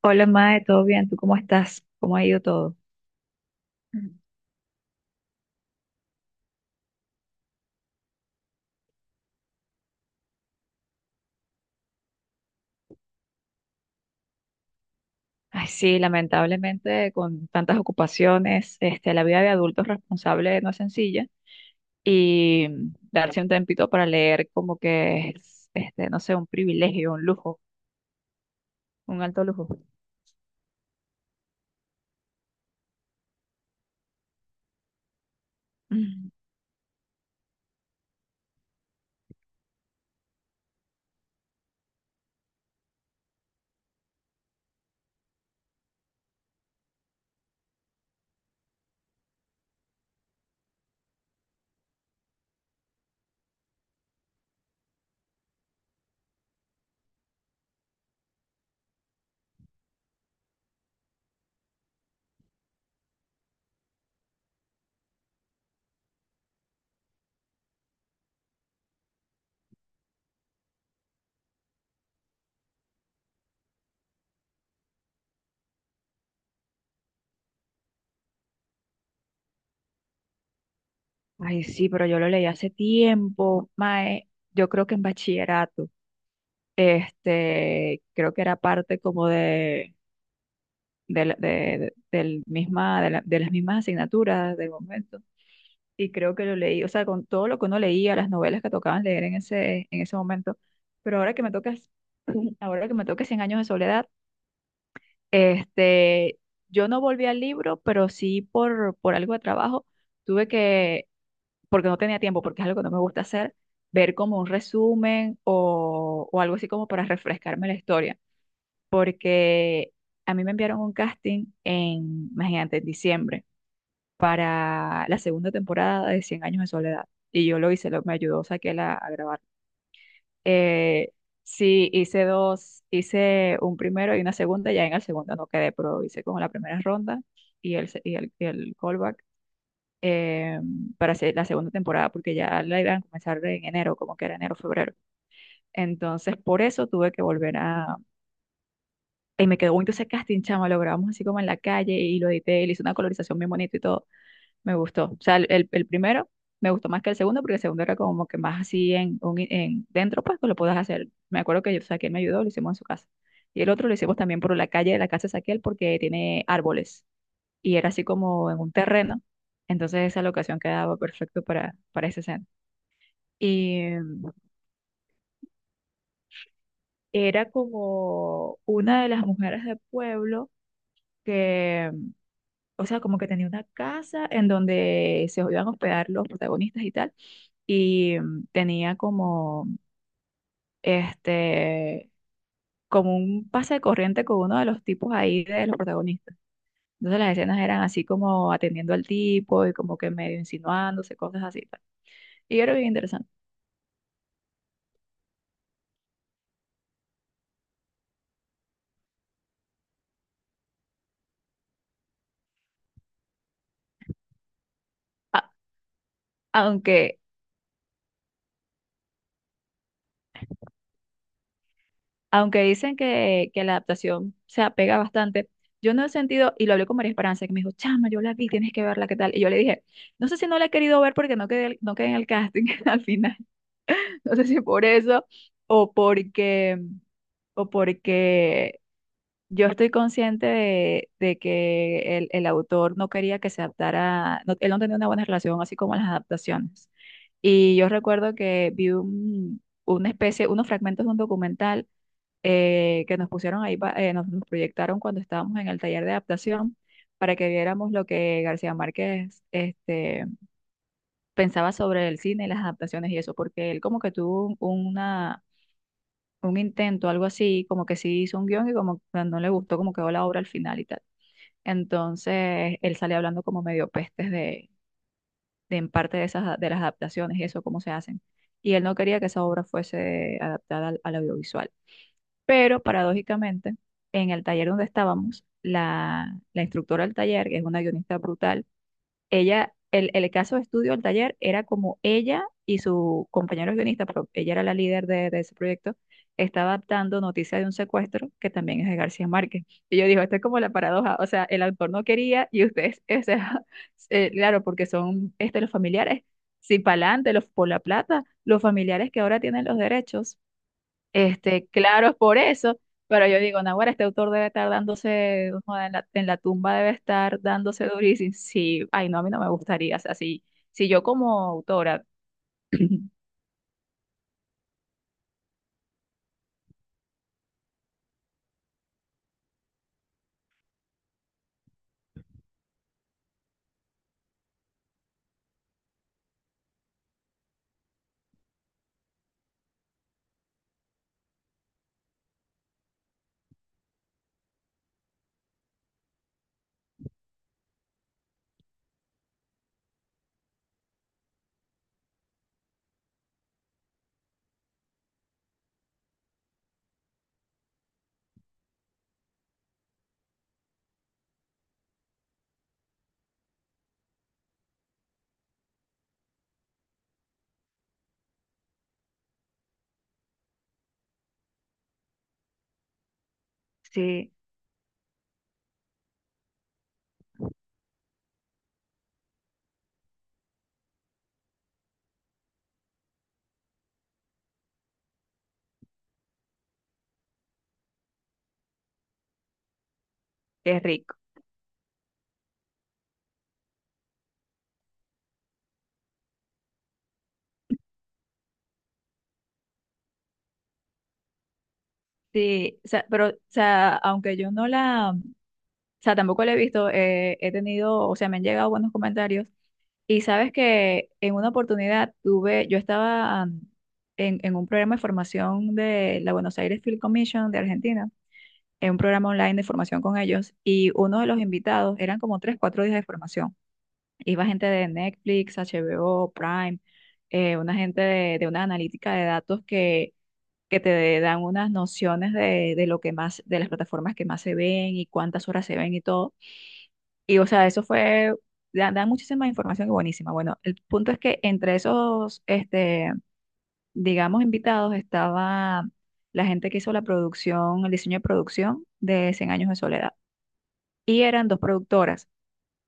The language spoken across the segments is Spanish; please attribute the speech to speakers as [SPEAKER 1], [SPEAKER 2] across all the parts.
[SPEAKER 1] Hola, Mae, ¿todo bien? ¿Tú cómo estás? ¿Cómo ha ido todo? Mm. Ay, sí, lamentablemente con tantas ocupaciones, este, la vida de adultos responsable no es sencilla y darse un tempito para leer como que es, este, no sé, un privilegio, un lujo, un alto lujo. Mm. Ay, sí, pero yo lo leí hace tiempo, Mae, yo creo que en bachillerato, este, creo que era parte como de, la- de- del misma, de, la- de las mismas asignaturas del momento. Y creo que lo leí, o sea, con todo lo que uno leía, las novelas que tocaban leer en ese momento. Pero ahora que me tocas, ahora que me toca Cien años de soledad, este, yo no volví al libro, pero sí por algo de trabajo, tuve que, porque no tenía tiempo, porque es algo que no me gusta hacer, ver como un resumen o algo así como para refrescarme la historia, porque a mí me enviaron un casting en, imagínate, en diciembre para la segunda temporada de 100 años de soledad. Y yo lo hice, lo, me ayudó Saquela a grabar. Eh, sí, hice dos, hice un primero y una segunda, ya en el segundo no quedé, pero hice como la primera ronda y el, se- y el callback eh, para hacer la segunda temporada, porque ya la iban a comenzar en enero, como que era enero, febrero. Entonces, por eso tuve que volver a... Y me quedó bonito ese casting, chama, lo grabamos así como en la calle y lo edité, y le hice una colorización bien bonita y todo. Me gustó. O sea, el primero me gustó más que el segundo, porque el segundo era como que más así en, un- en dentro, pues que lo puedas hacer. Me acuerdo que yo, Saquiel me ayudó, lo hicimos en su casa. Y el otro lo hicimos también por la calle de la casa de Saquiel, porque tiene árboles. Y era así como en un terreno. Entonces esa locación quedaba perfecto para esa escena. Y mm, era como una de las mujeres del pueblo que, o sea, como que tenía una casa en donde se iban a hospedar los protagonistas y tal y mm, tenía como este como un pase de corriente con uno de los tipos ahí de los protagonistas. Entonces las escenas eran así como atendiendo al tipo y como que medio insinuándose, cosas así. Tal. Y yo era bien interesante. A- aunque, Aunque dicen que la adaptación se apega bastante, yo no he sentido, y lo hablé con María Esperanza, que me dijo, chama, yo la vi, tienes que verla, ¿qué tal? Y yo le dije, no sé si no la he querido ver porque no quedé, no quedé en el casting al final. No sé si por eso o porque o porque yo estoy consciente de que el autor no quería que se adaptara, no- él no tenía una buena relación, así como las adaptaciones. Y yo recuerdo que vi un- una especie, unos fragmentos de un documental que nos pusieron ahí, pa- nos, nos proyectaron cuando estábamos en el taller de adaptación para que viéramos lo que García Márquez este, pensaba sobre el cine, las adaptaciones y eso, porque él como que tuvo un- una un intento, algo así, como que sí hizo un guión y como que no le gustó como quedó la obra al final y tal. Entonces, él sale hablando como medio pestes de en parte de esas, de las adaptaciones y eso, cómo se hacen. Y él no quería que esa obra fuese adaptada al, al audiovisual. Pero paradójicamente, en el taller donde estábamos, la instructora del taller, que es una guionista brutal, ella, el caso de estudio, el taller, era como ella y su compañero guionista, pero ella era la líder de ese proyecto, está adaptando Noticia de un secuestro, que también es de García Márquez. Y yo digo, esto es como la paradoja, o sea, el autor no quería y ustedes, o sea, claro, porque son este, los familiares, si pa'lante, los por la plata, los familiares que ahora tienen los derechos. Este, claro, es por eso, pero yo digo, Naguará, este autor debe estar dándose, o sea, en la tumba debe estar dándose durísimo. Sí, ay, no, a mí no me gustaría, o sea, si, si yo como autora, sí, qué rico. Sí, o sea, pero, o sea, aunque yo no la, o sea, tampoco la he visto, he tenido, o sea, me han llegado buenos comentarios. Y sabes que en una oportunidad tuve, yo estaba mm, en un programa de formación de la Buenos Aires Film Commission de Argentina en un programa online de formación con ellos y uno de los invitados eran como tres, cuatro días de formación. Iba gente de Netflix, HBO, Prime, una gente de una analítica de datos que te dan unas nociones de lo que más, de las plataformas que más se ven y cuántas horas se ven y todo. Y o sea, eso fue, da, da muchísima información y buenísima. Bueno, el punto es que entre esos, este, digamos, invitados estaba la gente que hizo la producción, el diseño de producción de Cien años de soledad y eran dos productoras.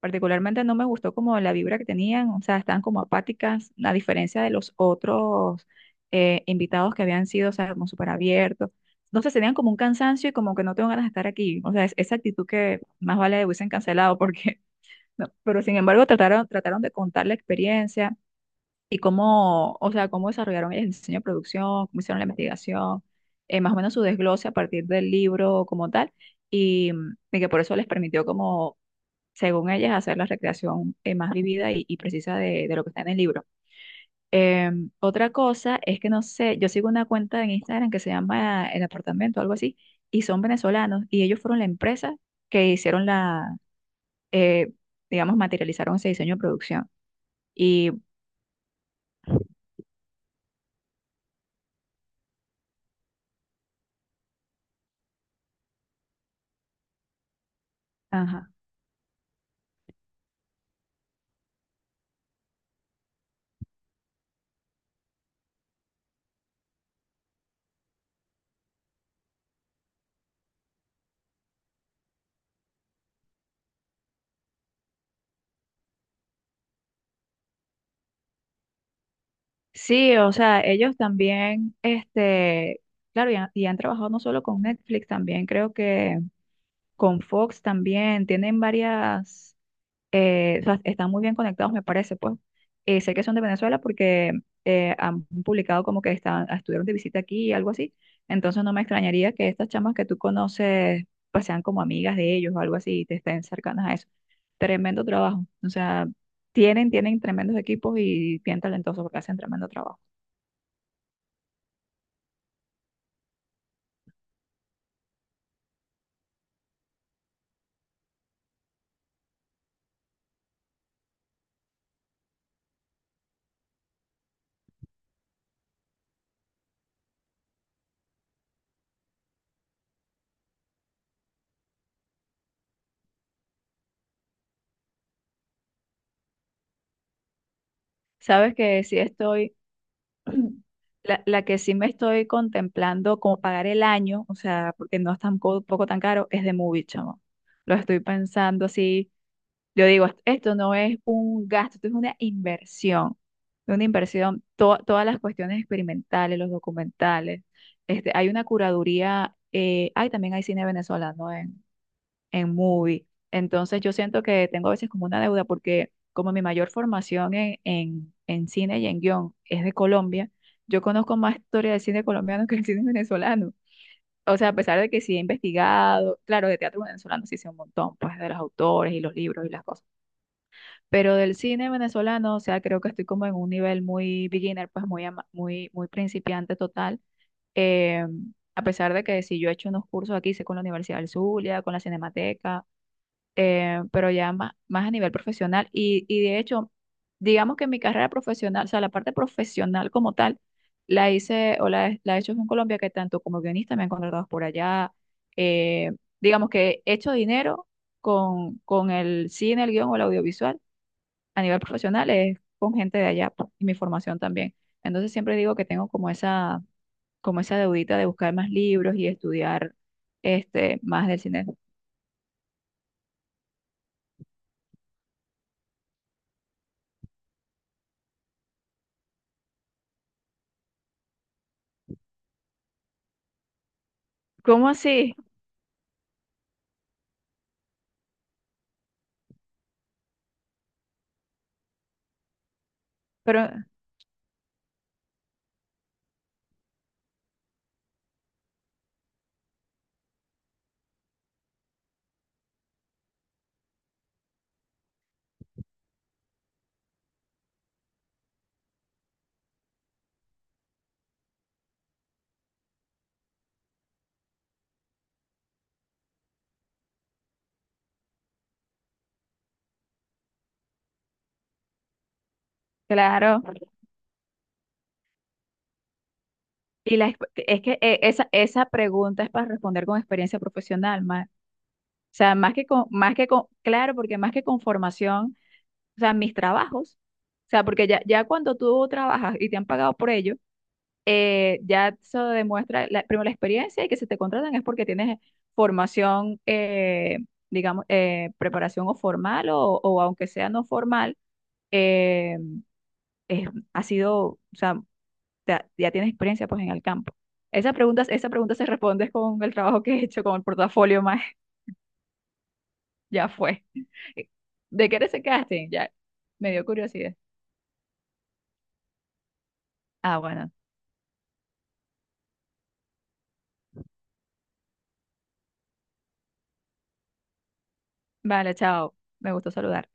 [SPEAKER 1] Particularmente no me gustó como la vibra que tenían, o sea, estaban como apáticas, a diferencia de los otros invitados que habían sido, o sea, como súper abiertos. Entonces tenían como un cansancio y como que no tengo ganas de estar aquí. O sea, es, esa actitud que más vale hubiesen cancelado porque, no, pero sin embargo trataron de contar la experiencia y cómo, o sea, cómo desarrollaron el diseño de producción, cómo hicieron la investigación, más o menos su desglose a partir del libro como tal y mm, y que por eso les permitió como según ellas, hacer la recreación más vivida y precisa de lo que está en el libro. Eh, otra cosa es que no sé, yo sigo una cuenta en Instagram que se llama El Apartamento, algo así, y son venezolanos, y ellos fueron la empresa que hicieron la, eh, digamos, materializaron ese diseño de producción. Y, ajá. Sí, o sea, ellos también, este, claro, y han trabajado no solo con Netflix, también creo que con Fox también, tienen varias o sea, están muy bien conectados, me parece, pues. Sé que son de Venezuela porque han publicado como que están, estuvieron de visita aquí y algo así. Entonces no me extrañaría que estas chamas que tú conoces pues sean como amigas de ellos o algo así y te estén cercanas a eso. Tremendo trabajo. O sea, tienen, tienen tremendos equipos y bien talentosos porque hacen tremendo trabajo. Sabes que si estoy la, la que sí me estoy contemplando como pagar el año, o sea, porque no es tampoco poco tan caro, es de Movie, chamo. Lo estoy pensando así. Yo digo, "Est- esto no es un gasto, esto es una inversión. Una inversión, to- todas las cuestiones experimentales, los documentales. Este, hay una curaduría, hay también hay cine venezolano en Movie. Entonces yo siento que tengo a veces como una deuda porque como mi mayor formación en cine y en guión es de Colombia, yo conozco más historia del cine colombiano que el cine venezolano. O sea, a pesar de que sí he investigado, claro, de teatro venezolano sí sé un montón, pues de los autores y los libros y las cosas, pero del cine venezolano, o sea, creo que estoy como en un nivel muy beginner, pues muy, ama- muy, muy principiante total. Eh, a pesar de que sí yo he hecho unos cursos aquí, sé con la Universidad del Zulia, con la Cinemateca, pero ya más, más a nivel profesional. Y de hecho, digamos que mi carrera profesional, o sea, la parte profesional como tal, la hice o la he hecho en Colombia, que tanto como guionista me han contratado por allá. Eh, digamos que he hecho dinero con el cine, el guión o el audiovisual a nivel profesional, es con gente de allá pues, y mi formación también. Entonces siempre digo que tengo como esa deudita de buscar más libros y estudiar este, más del cine. ¿Cómo así? Pero claro. Y la, exp- es que esa, esa pregunta es para responder con experiencia profesional, más, o sea, más que con, claro, porque más que con formación, o sea, mis trabajos, o sea, porque ya, ya cuando tú trabajas y te han pagado por ello, ya se demuestra la, primero la experiencia y que se te contratan es porque tienes formación, digamos, preparación o formal o aunque sea no formal, eh, es- ha sido, o sea, ya, ya tienes experiencia pues en el campo. Esa pregunta se responde con el trabajo que he hecho, con el portafolio más, ya fue. ¿De qué eres el casting? Ya, me dio curiosidad. Ah, bueno, vale, chao, me gustó saludar.